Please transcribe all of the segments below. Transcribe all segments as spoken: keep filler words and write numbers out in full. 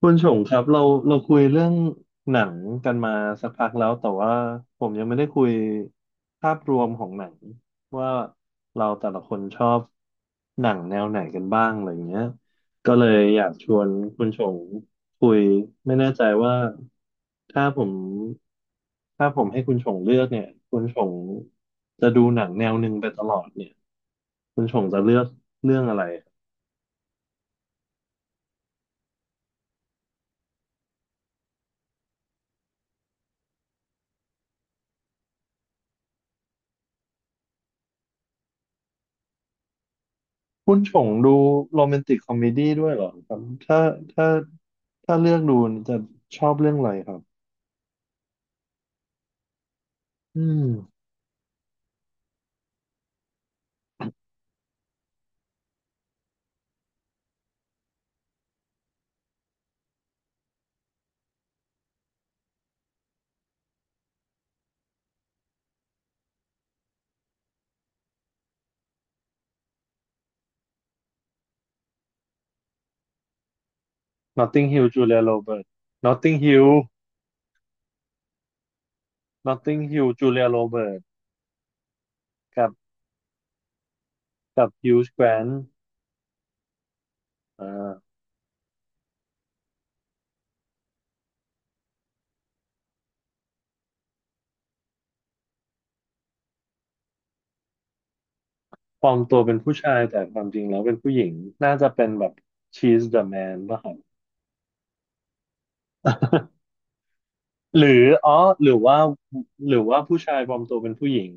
คุณชงครับเราเราคุยเรื่องหนังกันมาสักพักแล้วแต่ว่าผมยังไม่ได้คุยภาพรวมของหนังว่าเราแต่ละคนชอบหนังแนวไหนกันบ้างอะไรอย่างเงี้ยก็เลยอยากชวนคุณชงคุยไม่แน่ใจว่าถ้าผมถ้าผมให้คุณชงเลือกเนี่ยคุณชงจะดูหนังแนวหนึ่งไปตลอดเนี่ยคุณชงจะเลือกเรื่องอะไร คุณชงดูโรแมนติกคอมเมดี้ด้วยเหรอครับถ้าถ้าถ้าเลือกดูจะชอบเรื่องอะไรครับอืม Notting Hill Julia Roberts Notting Hill Notting Hill Julia Roberts กับกับ Hugh Grant อ่าปลอมตัวเป็นผู้ชายแต่ความจริงแล้วเป็นผู้หญิงน่าจะเป็นแบบ She's the Man ป่ะครับหรืออ๋อหรือว่าหรือว่าผู้ชายปลอมตัวเป็นผู้หญิง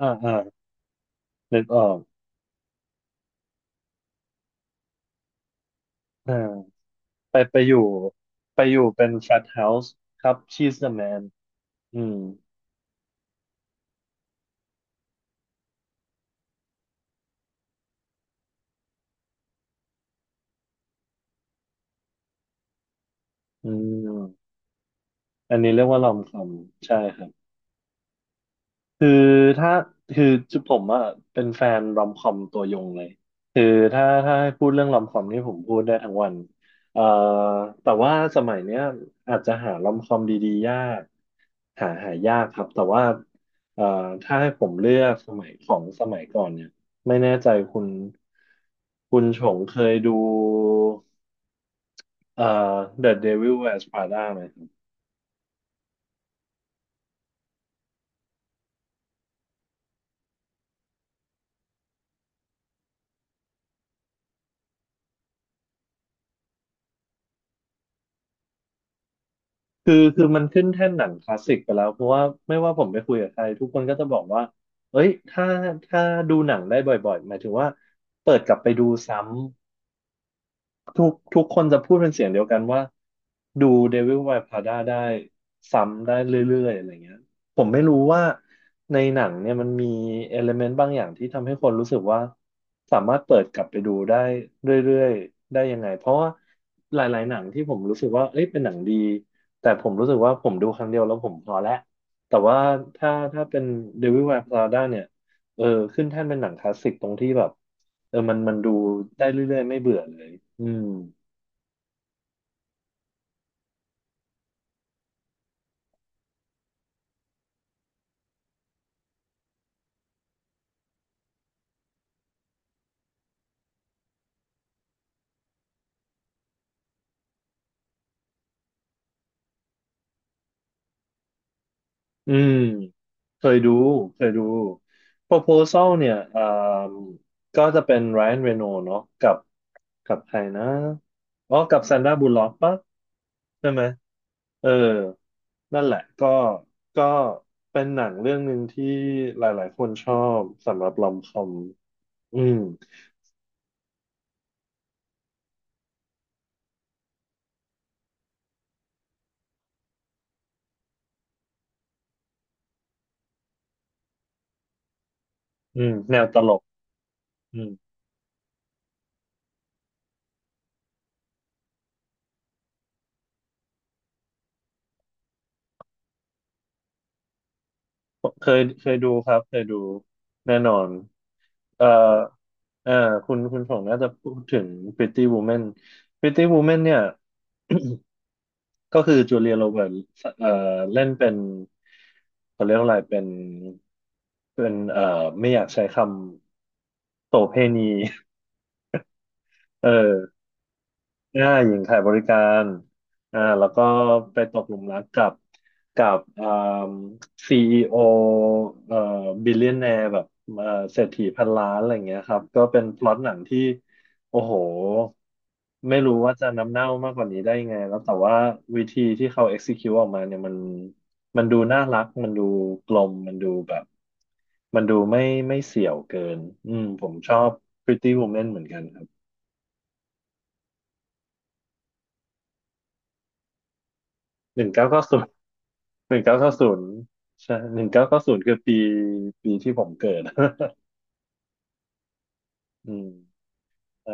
อ่าอ่านึกออกอ่า ไปไปอยู่ไปอยู่เป็นแฟตเฮาส์ครับ she's the man อืมอืมอันนี้เรียกว่ารอมคอมใช่ครับคือถ้าคือจุผมอะเป็นแฟนรอมคอมตัวยงเลยคือถ้าถ้าให้พูดเรื่องรอมคอมนี่ผมพูดได้ทั้งวันเอ่อแต่ว่าสมัยเนี้ยอาจจะหารอมคอมดีๆยากหาหายากครับแต่ว่าเอ่อถ้าให้ผมเลือกสมัยของสมัยก่อนเนี่ยไม่แน่ใจคุณคุณชงเคยดู เอ่อ The Devil Wears Prada ไหมครับคือคือมันขึ้นแท่นหนังคลาสสิกไปแล้ว เพราะว่าไม่ว่าผมไปคุยกับใครทุกคนก็จะบอกว่าเอ้ยถ้าถ้าดูหนังได้บ่อยๆหมายถึงว่าเปิดกลับไปดูซ้ำ ทุกทุกคนจะพูดเป็นเสียงเดียวกันว่าดู Devil Wears Prada ได้ซ้ำได้เรื่อยๆอะไรเงี้ยผมไม่รู้ว่าในหนังเนี่ยมันมีเอลเมนต์บางอย่างที่ทำให้คนรู้สึกว่าสามารถเปิดกลับไปดูได้เรื่อยๆได้ยังไงเพราะว่าหลายๆหนังที่ผมรู้สึกว่าเอ้ยเป็นหนังดีแต่ผมรู้สึกว่าผมดูครั้งเดียวแล้วผมพอแล้วแต่ว่าถ้าถ้าเป็น Devil Wears Prada เนี่ย เออขึ้นแท่นเป็นหนังคลาสสิกตรงที่แบบเออมันมันดูได้เรื่อยๆไม่เบื่อเลยอืมอืมเคยดูเคยดู Proposal เนี่ยอ่าก็จะเป็น Ryan Reynolds เนาะกับกับใครนะอ๋อกับ Sandra Bullock ปะใช่ไหมเออนั่นแหละก็ก็เป็นหนังเรื่องหนึ่งที่หลายๆคนชอบสำหรับลอมคอมอืมอืมแนวตลก เคยเคยดูครับเคยดูแน่นอนเอ่อเอ่อคุณคุณผงน่าจะพูดถึง Pretty Woman Pretty Woman เนี่ยก็คือจูเลียโรเบิร์ตเอ่อเล่นเป็นเขาเรียกว่าอะไรเป็นเป็นเอ่อไม่อยากใช้คำโสเภณีเออ อ่าหญิงขายบริการอ่าแล้วก็ไปตกหลุมรักกับกับอ่าซีอีโอเอ่อบิลเลียนแนร์แบบเอ่อเศรษฐีพันล้านอะไรอย่างเงี้ยครับก็เป็นพล็อตหนังที่โอ้โหไม่รู้ว่าจะน้ำเน่ามากกว่านี้ได้ยังไงแล้วแต่ว่าวิธีที่เขา execute ออกมาเนี่ยมันมันดูน่ารักมันดูกลมมันดูแบบมันดูไม่ไม่เสี่ยวเกินอืมผมชอบ Pretty Woman เหมือนกันครับหนึ่งเก้าเก็ หนึ่งเก้าเก้าศูนย์ใช่หนึ่งเก้าเก้าศูนย์คือปีปีที่ผมเกิด อืมอ่า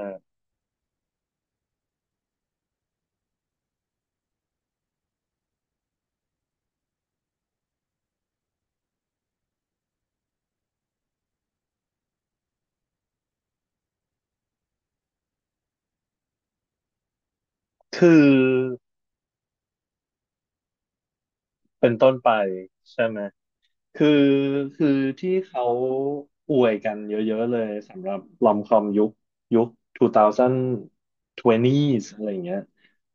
คือเป็นต้นไปใช่ไหมคือคือที่เขาอวยกันเยอะๆเลยสำหรับลอมคอมยุคยุค สองพันยี่สิบ องพันยี่สิบอะไรอย่างเงี้ย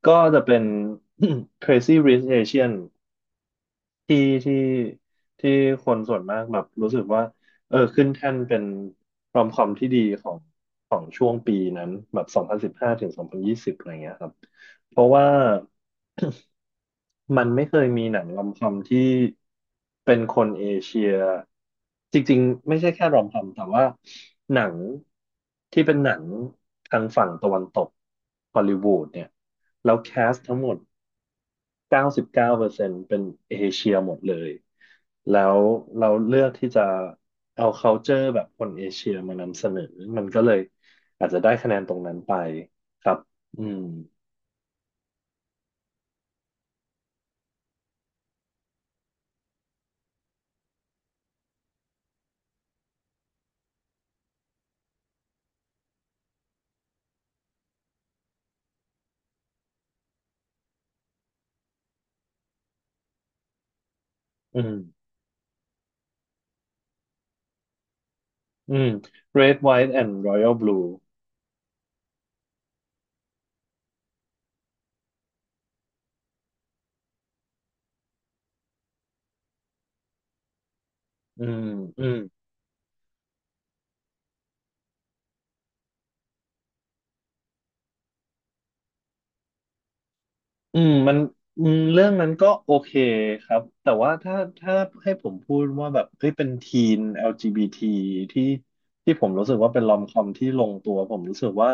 ก็จะเป็น Crazy Rich Asian ที่ที่ที่คนส่วนมากแบบรู้สึกว่าเออขึ้นแท่นเป็นรอมคอมที่ดีของของช่วงปีนั้นแบบสองพันสิบห้าถึงสองพันยี่สิบอะไรเงี้ยครับเพราะว่า มันไม่เคยมีหนังรอมคอมที่เป็นคนเอเชียจริงๆไม่ใช่แค่รอมคอมแต่ว่าหนังที่เป็นหนังทางฝั่งตะวันตกฮอลลีวูดเนี่ยแล้วแคสทั้งหมดเก้าสิบเก้าเปอร์เซ็นต์เก้าเปอร์เซ็นต์เป็นเอเชียหมดเลยแล้วเราเลือกที่จะเอา culture แบบคนเอเชียมานำเสนอมันก็เลยอาจจะได้คะแนนตรงนั้นไปครับอืมอืม อืม Red White and Royal Blue อืมอืมอืมมันอืมเรื่องนั้นก็โอเคครับ แต่ว่าถ้าถ้าให้ผมพูดว่าแบบเฮ้ยเป็นทีน แอล จี บี ที ทีที่ที่ผมรู้สึกว่าเป็นลอมคอมที่ลงตัว ผมรู้สึกว่า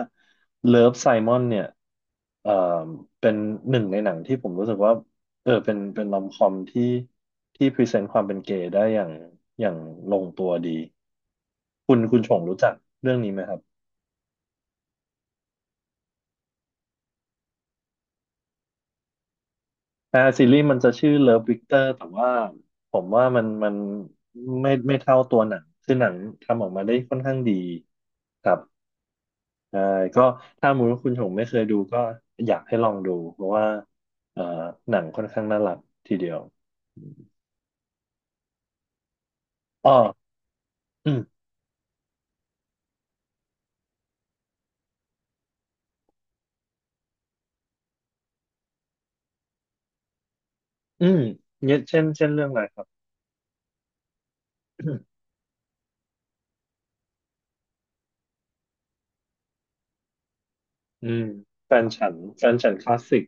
Love Simon เนี่ยเอ่อเป็นหนึ่งในหนังที่ผมรู้สึกว่าเออเป็นเป็นลอมคอมที่ที่พรีเซนต์ความเป็นเกย์ได้อย่างอย่างลงตัวดี คุณคุณชงรู้จักเรื่องนี้ไหมครับ อ่าซีรีส์มันจะชื่อ Love Victor แต่ว่าผมว่ามันมันไม่ไม่เท่าตัวหนัง คือหนังทำออกมาได้ค่อนข้างดีครับใช่ก็ถ้ามูลคุณชงไม่เคยดูก็อยากให้ลองดูเพราะว่าเอ่อหนังค่อนข้างน่ารักทีเดียวอ๋ออืมอืมเนี่ยเช่นเช่นเรื่องอะไรครับอืมแฟนฉันแฟนฉันคลาสสิก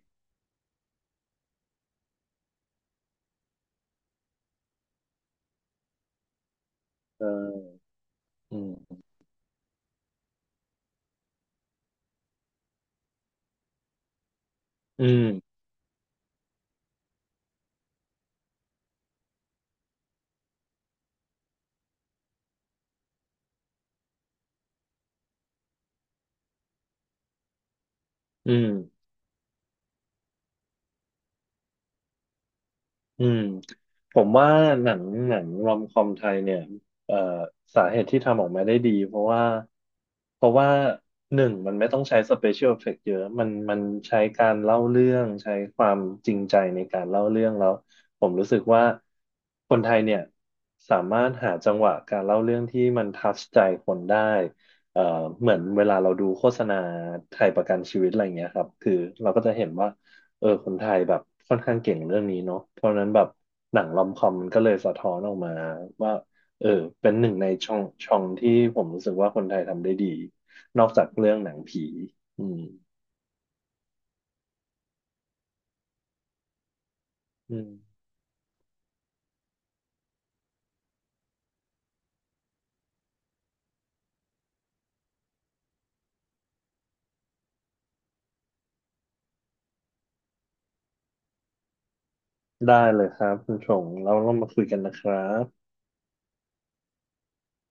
เอออืมอืมอืม อืมผมว่าหนังหนังรอมคอมไทยเนี่ยเอ่อสาเหตุที่ทำออกมาได้ดีเพราะว่าเพราะว่าหนึ่งมันไม่ต้องใช้สเปเชียลเอฟเฟกต์เยอะมันมันใช้การเล่าเรื่องใช้ความจริงใจในการเล่าเรื่องแล้วผมรู้สึกว่าคนไทยเนี่ยสามารถหาจังหวะการเล่าเรื่องที่มันทัชใจคนได้เอ่อเหมือนเวลาเราดูโฆษณาไทยประกันชีวิตอะไรเงี้ยครับคือเราก็จะเห็นว่า เออคนไทยแบบค่อนข้างเก่งเรื่องนี้เนาะเพราะฉะนั้นแบบหนังรอมคอมมันก็เลยสะท้อนออกมาว่าเออเป็นหนึ่งในช่องช่องที่ผมรู้สึกว่าคนไทยทำได้ดีนอกจากเรื่องหนังผีอืมอืมได้เลยครับคุณชงเราเรามาคุยกันนะครับ